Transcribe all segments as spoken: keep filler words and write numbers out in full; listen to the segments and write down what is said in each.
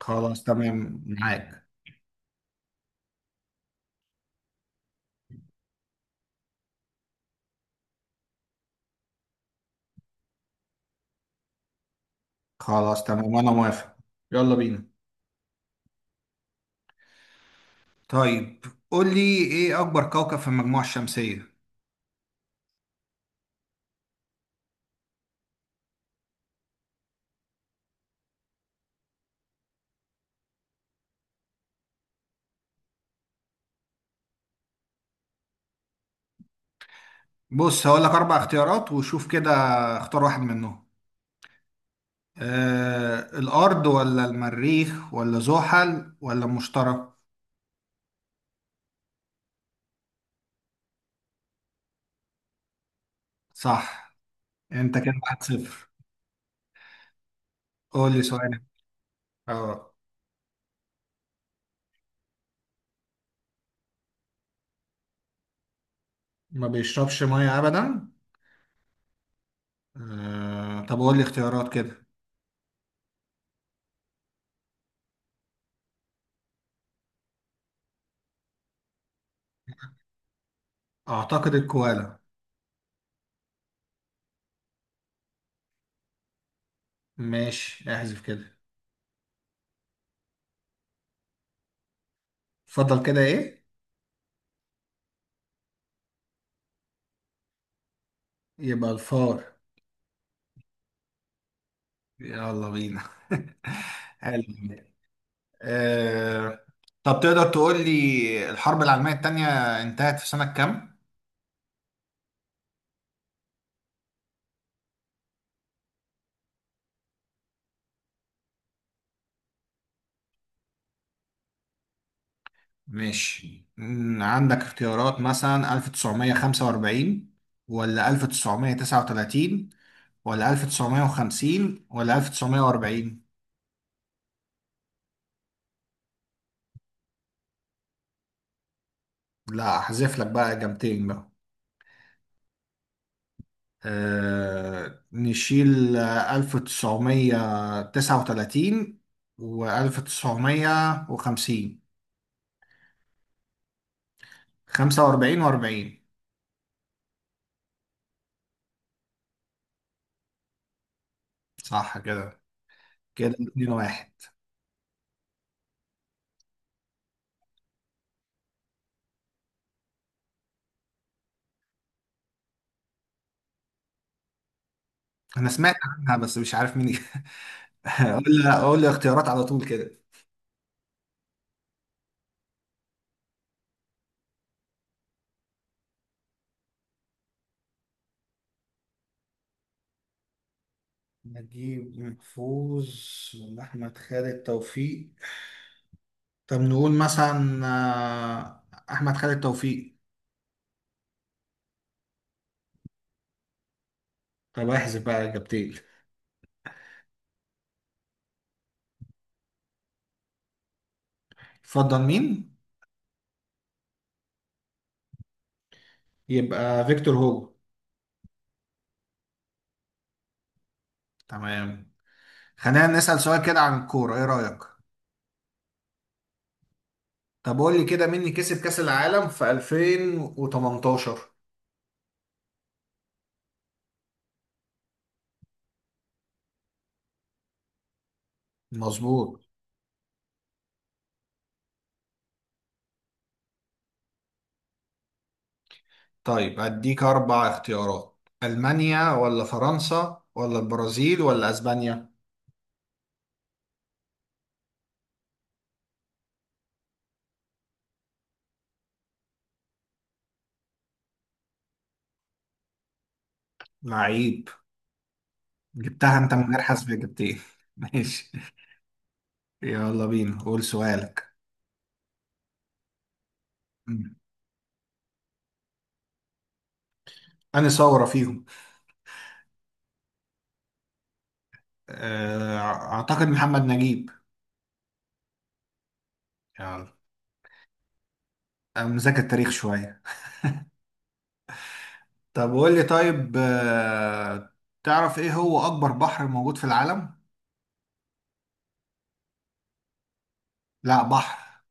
خلاص تمام معاك. خلاص تمام وانا موافق. يلا بينا. طيب، قول لي، ايه اكبر كوكب في المجموعة الشمسية؟ بص، هقول لك اربع اختيارات وشوف كده. اختار واحد منهم. آه الارض ولا المريخ ولا زحل ولا المشتري؟ صح. انت كده واحد صفر. قول لي سؤال. اه، ما بيشربش ميه ابدا. آه طب قول لي اختيارات كده. اعتقد الكوالا. ماشي، احذف كده. اتفضل، كده ايه؟ يبقى الفار. يلا بينا. حلو. آه... طب، تقدر تقول لي الحرب العالمية التانية انتهت في سنة كام؟ ماشي، مم، عندك اختيارات مثلا ألف وتسعمائة وخمسة وأربعين ولا ألف وتسعمائة وتسعة وثلاثين ولا ألف وتسعمية وخمسين ولا ألف وتسعمية وأربعين. لا، هحذف لك بقى إجابتين بقى. آه... نشيل ألف وتسعمائة وتسعة وثلاثين و1950. خمسة وأربعين و40. صح كده كده اتنين واحد. انا سمعت عنها بس مش عارف مين. قول لي قول لي. اختيارات على طول كده. نجيب محفوظ ولا أحمد خالد توفيق؟ طب نقول مثلا آه، أحمد خالد توفيق. طب احذف بقى إجابتين. اتفضل، مين؟ يبقى فيكتور هوجو. تمام. خلينا نسأل سؤال كده عن الكورة. ايه رأيك؟ طب قول لي كده، مين اللي كسب كأس العالم في ألفين وتمنتاشر؟ مظبوط. طيب، أديك أربع اختيارات. ألمانيا ولا فرنسا ولا البرازيل ولا أسبانيا؟ لعيب. جبتها أنت من غير حسب، جبت إيه؟ ماشي. يلا بينا، قول سؤالك. مم. أنا ثورة فيهم؟ آه، أعتقد محمد نجيب. يلا. أنا مذاكر تاريخ شوية. طب قول لي، طيب، آه، تعرف إيه هو أكبر بحر موجود في العالم؟ لا، بحر.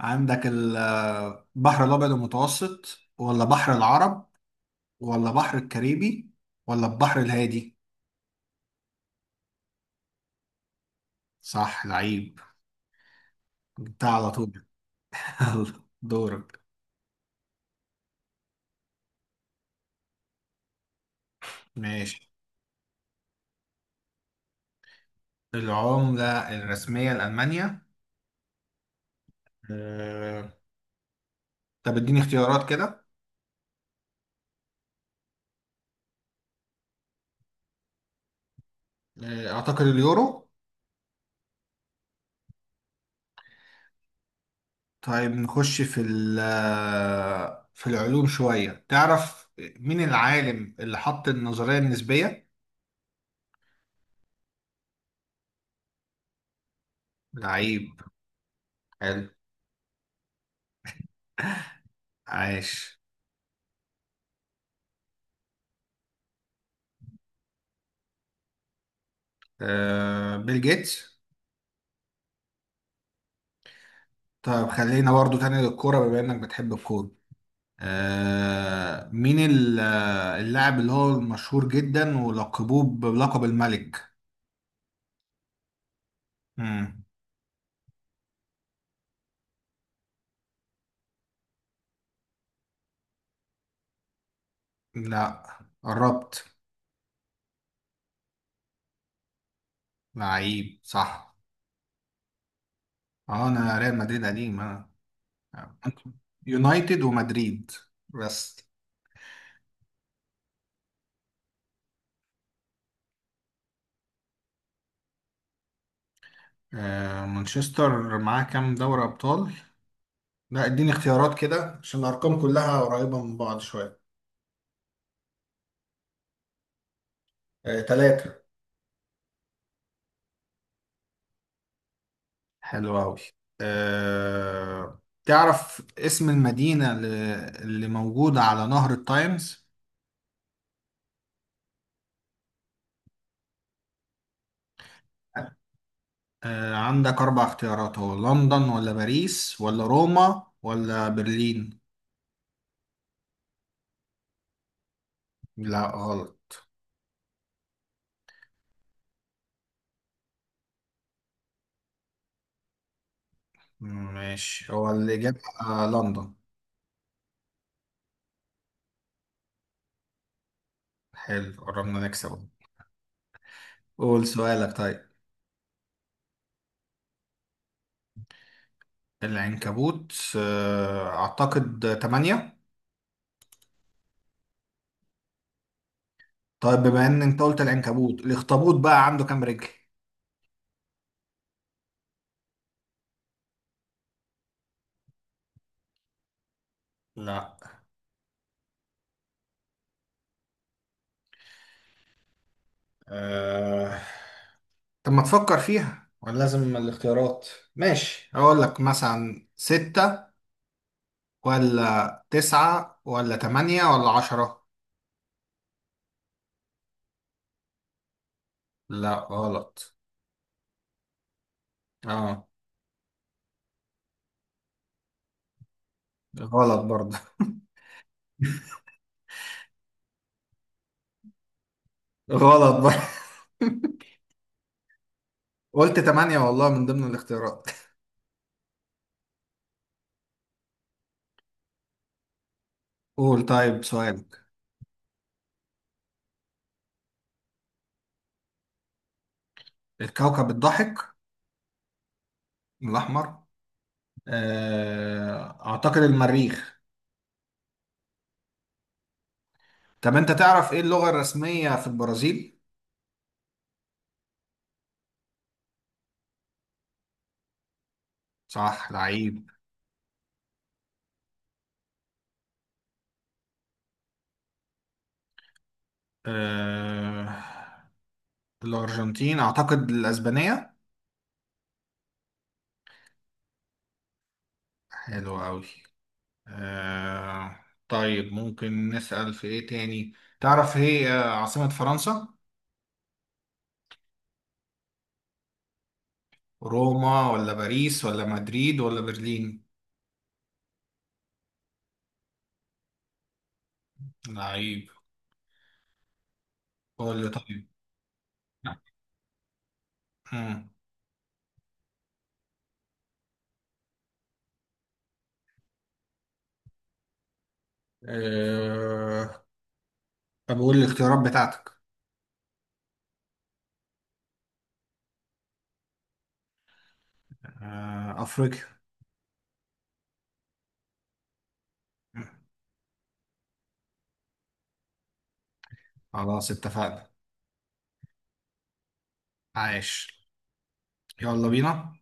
عندك البحر الأبيض المتوسط ولا بحر العرب ولا بحر الكاريبي ولا البحر الهادي؟ صح، لعيب. جبتها على طول. يلا، دورك. ماشي. العملة الرسمية لألمانيا؟ آه، طب اديني اختيارات كده. آه، أعتقد اليورو. طيب نخش في ال آه، في العلوم شوية. تعرف مين العالم اللي حط النظرية النسبية؟ لعيب. حلو. عاش. آه، بيل جيتس. طيب خلينا برضو تاني للكورة بما إنك بتحب الكورة. آه مين ال- آه، اللاعب اللي هو مشهور جدا ولقبوه بلقب الملك؟ مم. لا، قربت. لعيب صح. اه، انا ريال مدريد قديم انا. يونايتد ومدريد بس. آه مانشستر معاه كام دوري ابطال؟ لا، اديني اختيارات كده عشان الارقام كلها قريبة من بعض شوية. آه، تلاتة. حلو أوي. أه... تعرف اسم المدينة اللي اللي موجودة على نهر التايمز؟ أه... عندك أربع اختيارات. هو لندن ولا باريس ولا روما ولا برلين؟ لا، غلط. ماشي، هو الإجابة آه، لندن. حلو، قربنا نكسب. قول سؤالك طيب. العنكبوت؟ أه... أعتقد تمانية. طيب بما إن أنت قلت العنكبوت، الأخطبوط بقى عنده كام رجل؟ لا. آه طب، ما تفكر فيها ولا لازم الاختيارات؟ ماشي، اقول لك مثلا ستة ولا تسعة ولا تمانية ولا عشرة؟ لا، غلط. اه. غلط برضه. غلط برضه. قلت تمانية والله من ضمن الاختيارات. قول طيب سؤالك. الكوكب الضحك. الأحمر. آه، أعتقد المريخ. طب أنت تعرف إيه اللغة الرسمية في البرازيل؟ صح لعيب. آه، الأرجنتين أعتقد الأسبانية. حلو أوي. آه طيب ممكن نسأل في إيه تاني؟ تعرف إيه آه، عاصمة فرنسا؟ روما ولا باريس ولا مدريد ولا برلين؟ لعيب. قول لي طيب. مم. آه طب قول لي الاختيارات بتاعتك. آه، أفريقيا. مم. خلاص اتفقنا. عايش. يلا بينا.